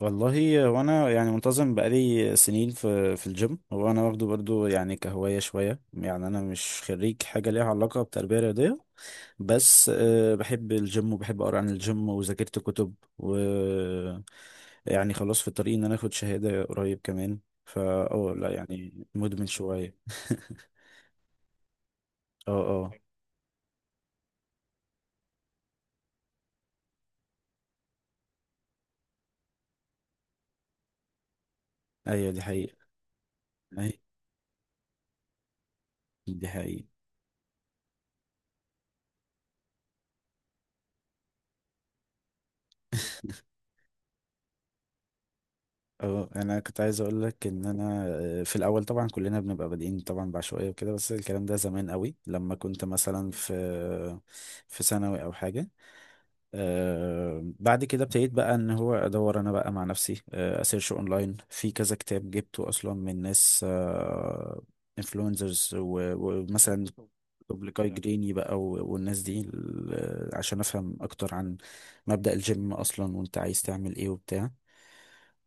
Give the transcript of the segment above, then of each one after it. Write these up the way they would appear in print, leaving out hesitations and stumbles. والله، وانا يعني منتظم بقالي سنين في الجيم. هو انا واخده برضو يعني كهواية شوية، يعني انا مش خريج حاجة ليها علاقة بتربية رياضية. بس أه، بحب الجيم وبحب اقرا عن الجيم وذاكرت كتب، و يعني خلاص في الطريق ان انا اخد شهادة قريب كمان. فا لا يعني مدمن شوية. اه، اه. ايوه، دي حقيقة. أي- دي حقيقة. اه، انا كنت عايز اقول لك ان انا في الاول طبعا كلنا بنبقى بادئين طبعا بعشوائيه وكده، بس الكلام ده زمان قوي لما كنت مثلا في ثانوي او حاجه. بعد كده ابتديت بقى ان هو ادور انا بقى مع نفسي، اسيرش اونلاين، في كذا كتاب جبته اصلا من ناس انفلونزرز، ومثلا بوبليكاي جريني بقى، والناس دي عشان افهم اكتر عن مبدأ الجيم اصلا، وانت عايز تعمل ايه وبتاع.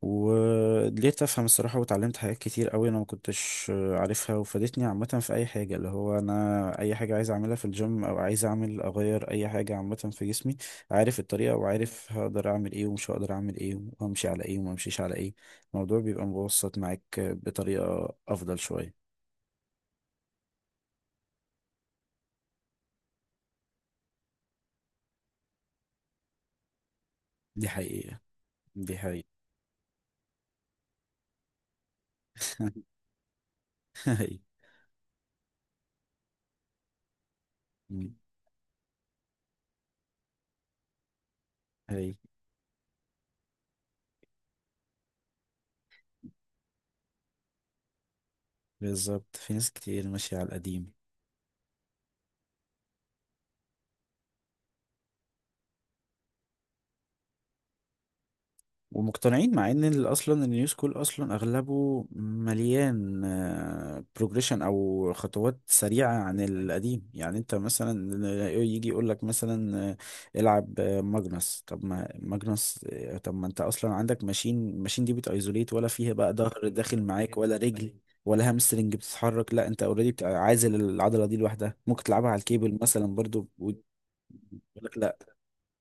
ولقيت افهم الصراحه، واتعلمت حاجات كتير قوي انا ما كنتش عارفها، وفادتني عامه في اي حاجه، اللي هو انا اي حاجه عايز اعملها في الجيم او عايز اعمل اغير اي حاجه عامه في جسمي. عارف الطريقه، وعارف هقدر اعمل ايه ومش هقدر اعمل ايه، وامشي على ايه وما امشيش على ايه. الموضوع بيبقى مبسط معاك بطريقه افضل شويه. دي حقيقه، دي حقيقه. هي هي بالظبط، في ناس كتير ماشيه على القديم ومقتنعين، مع ان اصلا النيو سكول اصلا اغلبه مليان بروجريشن او خطوات سريعه عن القديم. يعني انت مثلا يجي يقول لك مثلا العب ماجنس. طب ما ماجنس آه، طب ما انت اصلا عندك ماشين. الماشين دي بتايزوليت، ولا فيها بقى ظهر داخل معاك، ولا رجل، ولا هامسترنج بتتحرك؟ لا، انت اوريدي عازل العضله دي لوحدها، ممكن تلعبها على الكيبل مثلا برضو. ويقول لك لا.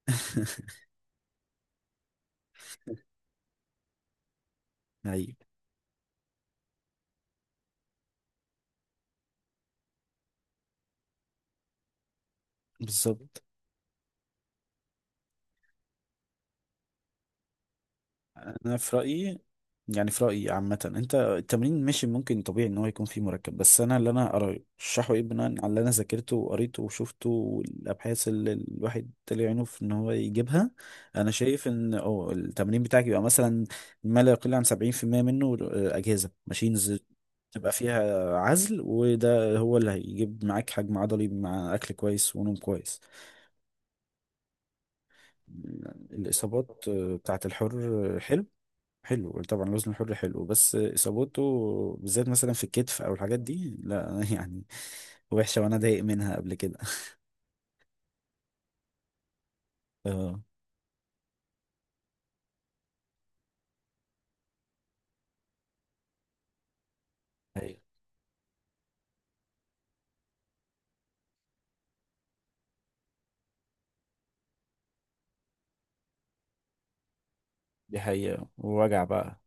ايوه بالظبط. انا في رايي، يعني في رايي عامه، انت التمرين ماشي، ممكن طبيعي ان هو يكون فيه مركب، بس انا اللي انا ارشحه ايه بناء على اللي انا ذاكرته وقريته وشفته والابحاث اللي الواحد طلع عينه في ان هو يجيبها، انا شايف ان اه التمرين بتاعك يبقى مثلا ما لا يقل عن 70% منه اجهزه ماشينز تبقى فيها عزل، وده هو اللي هيجيب معاك حجم عضلي مع اكل كويس ونوم كويس. الاصابات بتاعت الحر حلو. حلو طبعا الوزن الحر حلو، بس اصابته بالذات مثلا في الكتف او الحاجات دي لا، يعني وحشه، وانا ضايق منها قبل كده. اه. أيوة. دي حقيقه ووجع بقى.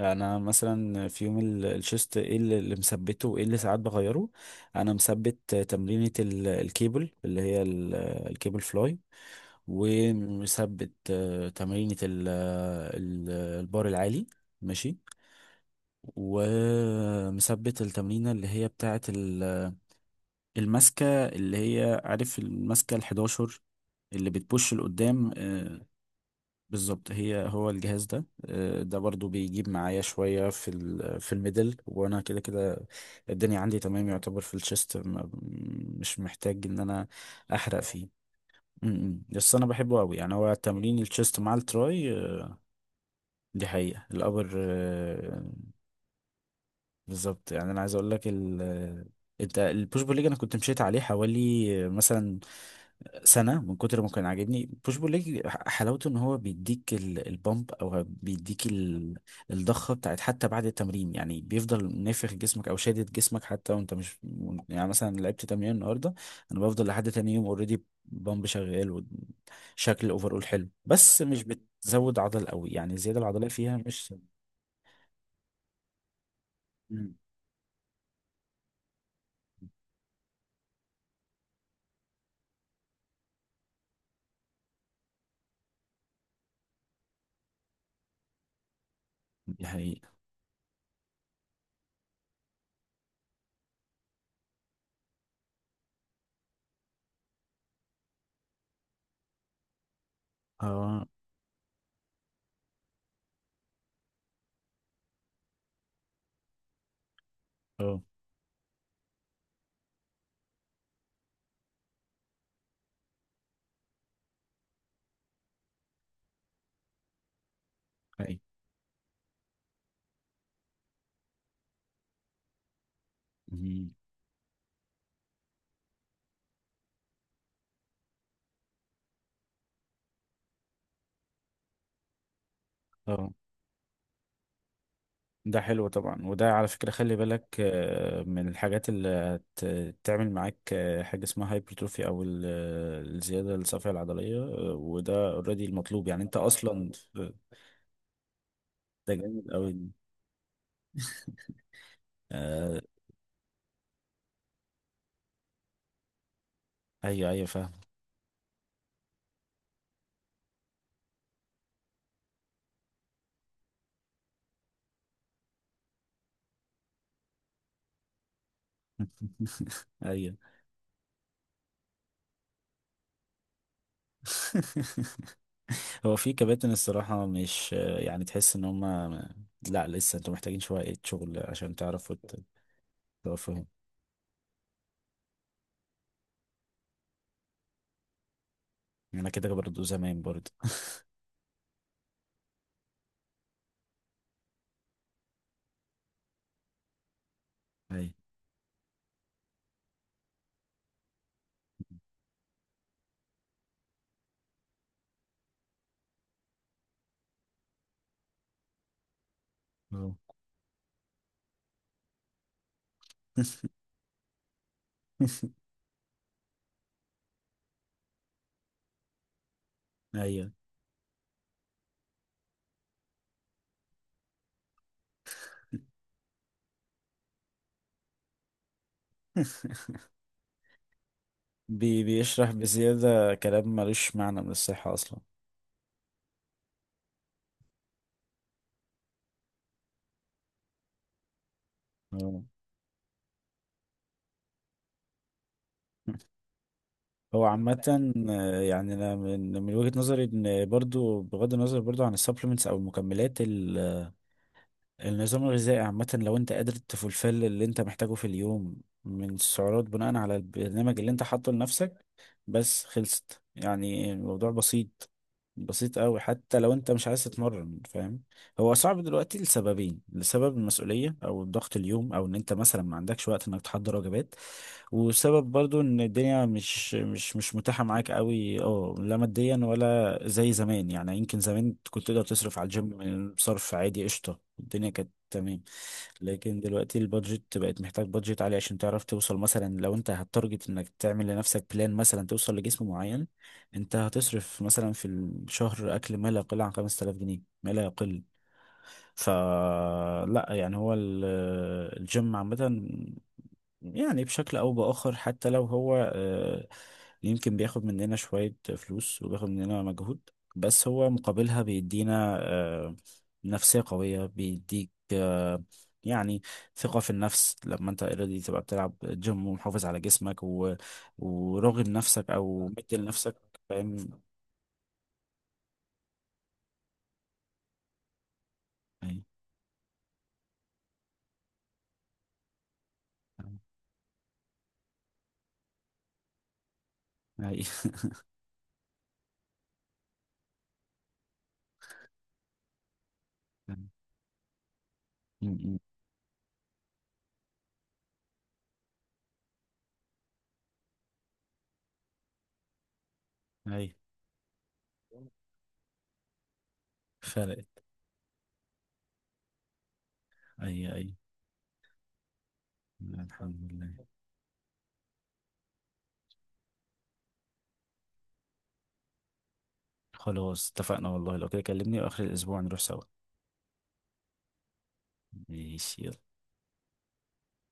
انا مثلا في يوم الشيست، ايه اللي مثبته وايه اللي ساعات بغيره. انا مثبت تمرينة الكيبل، اللي هي الكيبل فلاي. ومثبت تمرينة ال- البار العالي. ماشي. ومثبت التمرينة اللي هي بتاعة الماسكة، اللي هي عارف الماسكة الحداشر اللي بتبوش لقدام. بالظبط، هو الجهاز ده. ده برضو بيجيب معايا شوية في في الميدل، وانا كده كده الدنيا عندي تمام يعتبر في الشيست. مش محتاج ان انا احرق فيه. م- م. بس انا بحبه قوي، يعني هو تمرين الشيست مع التراي دي حقيقة الابر بالظبط. يعني انا عايز اقول لك انت البوش بول ليج انا كنت مشيت عليه حوالي مثلا سنة، من كتر ما كان عاجبني بوش بول ليج. حلاوته ان هو بيديك البامب، او بيديك الضخة بتاعت، حتى بعد التمرين يعني بيفضل نافخ جسمك او شادد جسمك حتى وانت مش، يعني مثلا لعبت تمرين النهاردة، انا بفضل لحد تاني يوم اوريدي بامب شغال وشكل اوفرول حلو. بس مش بتزود عضل قوي، يعني الزيادة العضلية فيها مش. مم. دي حقيقة. اه، اه. أي. مم. اه، ده حلو طبعا، وده على فكرة خلي بالك من الحاجات اللي هتعمل معاك حاجة اسمها هايبرتروفي، أو الزيادة الصافية العضلية. وده اوريدي المطلوب، يعني أنت أصلا ده جامد أوي. آه، أيوه أيوه فاهم. أيوه. هو في كباتن الصراحة مش يعني تحس إن هما لا، لسه أنتوا محتاجين شوية شغل عشان تعرفوا توقفوهم. أنا كده برضه زمان برضه. أيوه. أه. ايوه. بي بيشرح بزيادة كلام ملوش معنى من الصحة أصلا. آه. هو عامة يعني أنا من وجهة نظري، إن برضو بغض النظر برضو عن السبلمنتس أو المكملات، النظام الغذائي عامة لو انت قادر تفلفل اللي انت محتاجه في اليوم من السعرات بناء على البرنامج اللي انت حاطه لنفسك، بس خلصت. يعني الموضوع بسيط، بسيط قوي حتى لو انت مش عايز تتمرن، فاهم؟ هو صعب دلوقتي لسببين: لسبب المسؤولية او الضغط اليوم، او ان انت مثلا ما عندكش وقت انك تحضر وجبات. وسبب برضو ان الدنيا مش متاحة معاك قوي، اه، لا ماديا، ولا زي زمان. يعني يمكن زمان كنت تقدر تصرف على الجيم بصرف عادي، قشطة، الدنيا كانت تمام. لكن دلوقتي البادجت بقت، محتاج بادجت عالي عشان تعرف توصل، مثلا لو انت هتارجت انك تعمل لنفسك بلان مثلا توصل لجسم معين، انت هتصرف مثلا في الشهر اكل ما لا يقل عن 5000 جنيه، ما لا يقل. فلا، يعني هو الجيم عامة، يعني بشكل أو بآخر، حتى لو هو يمكن بياخد مننا شوية فلوس وبياخد مننا مجهود، بس هو مقابلها بيدينا نفسية قوية، بيديك يعني ثقة في النفس لما انت اوريدي تبقى بتلعب جيم ومحافظ على جسمك و... وراغب نفسك او مدي لنفسك. فاهم. اي، اي. اي، اي. فرقت. اي، اي. الحمد لله. خلاص اتفقنا، والله لو كده كلمني واخر الاسبوع نروح سوا. ماشي، يلا.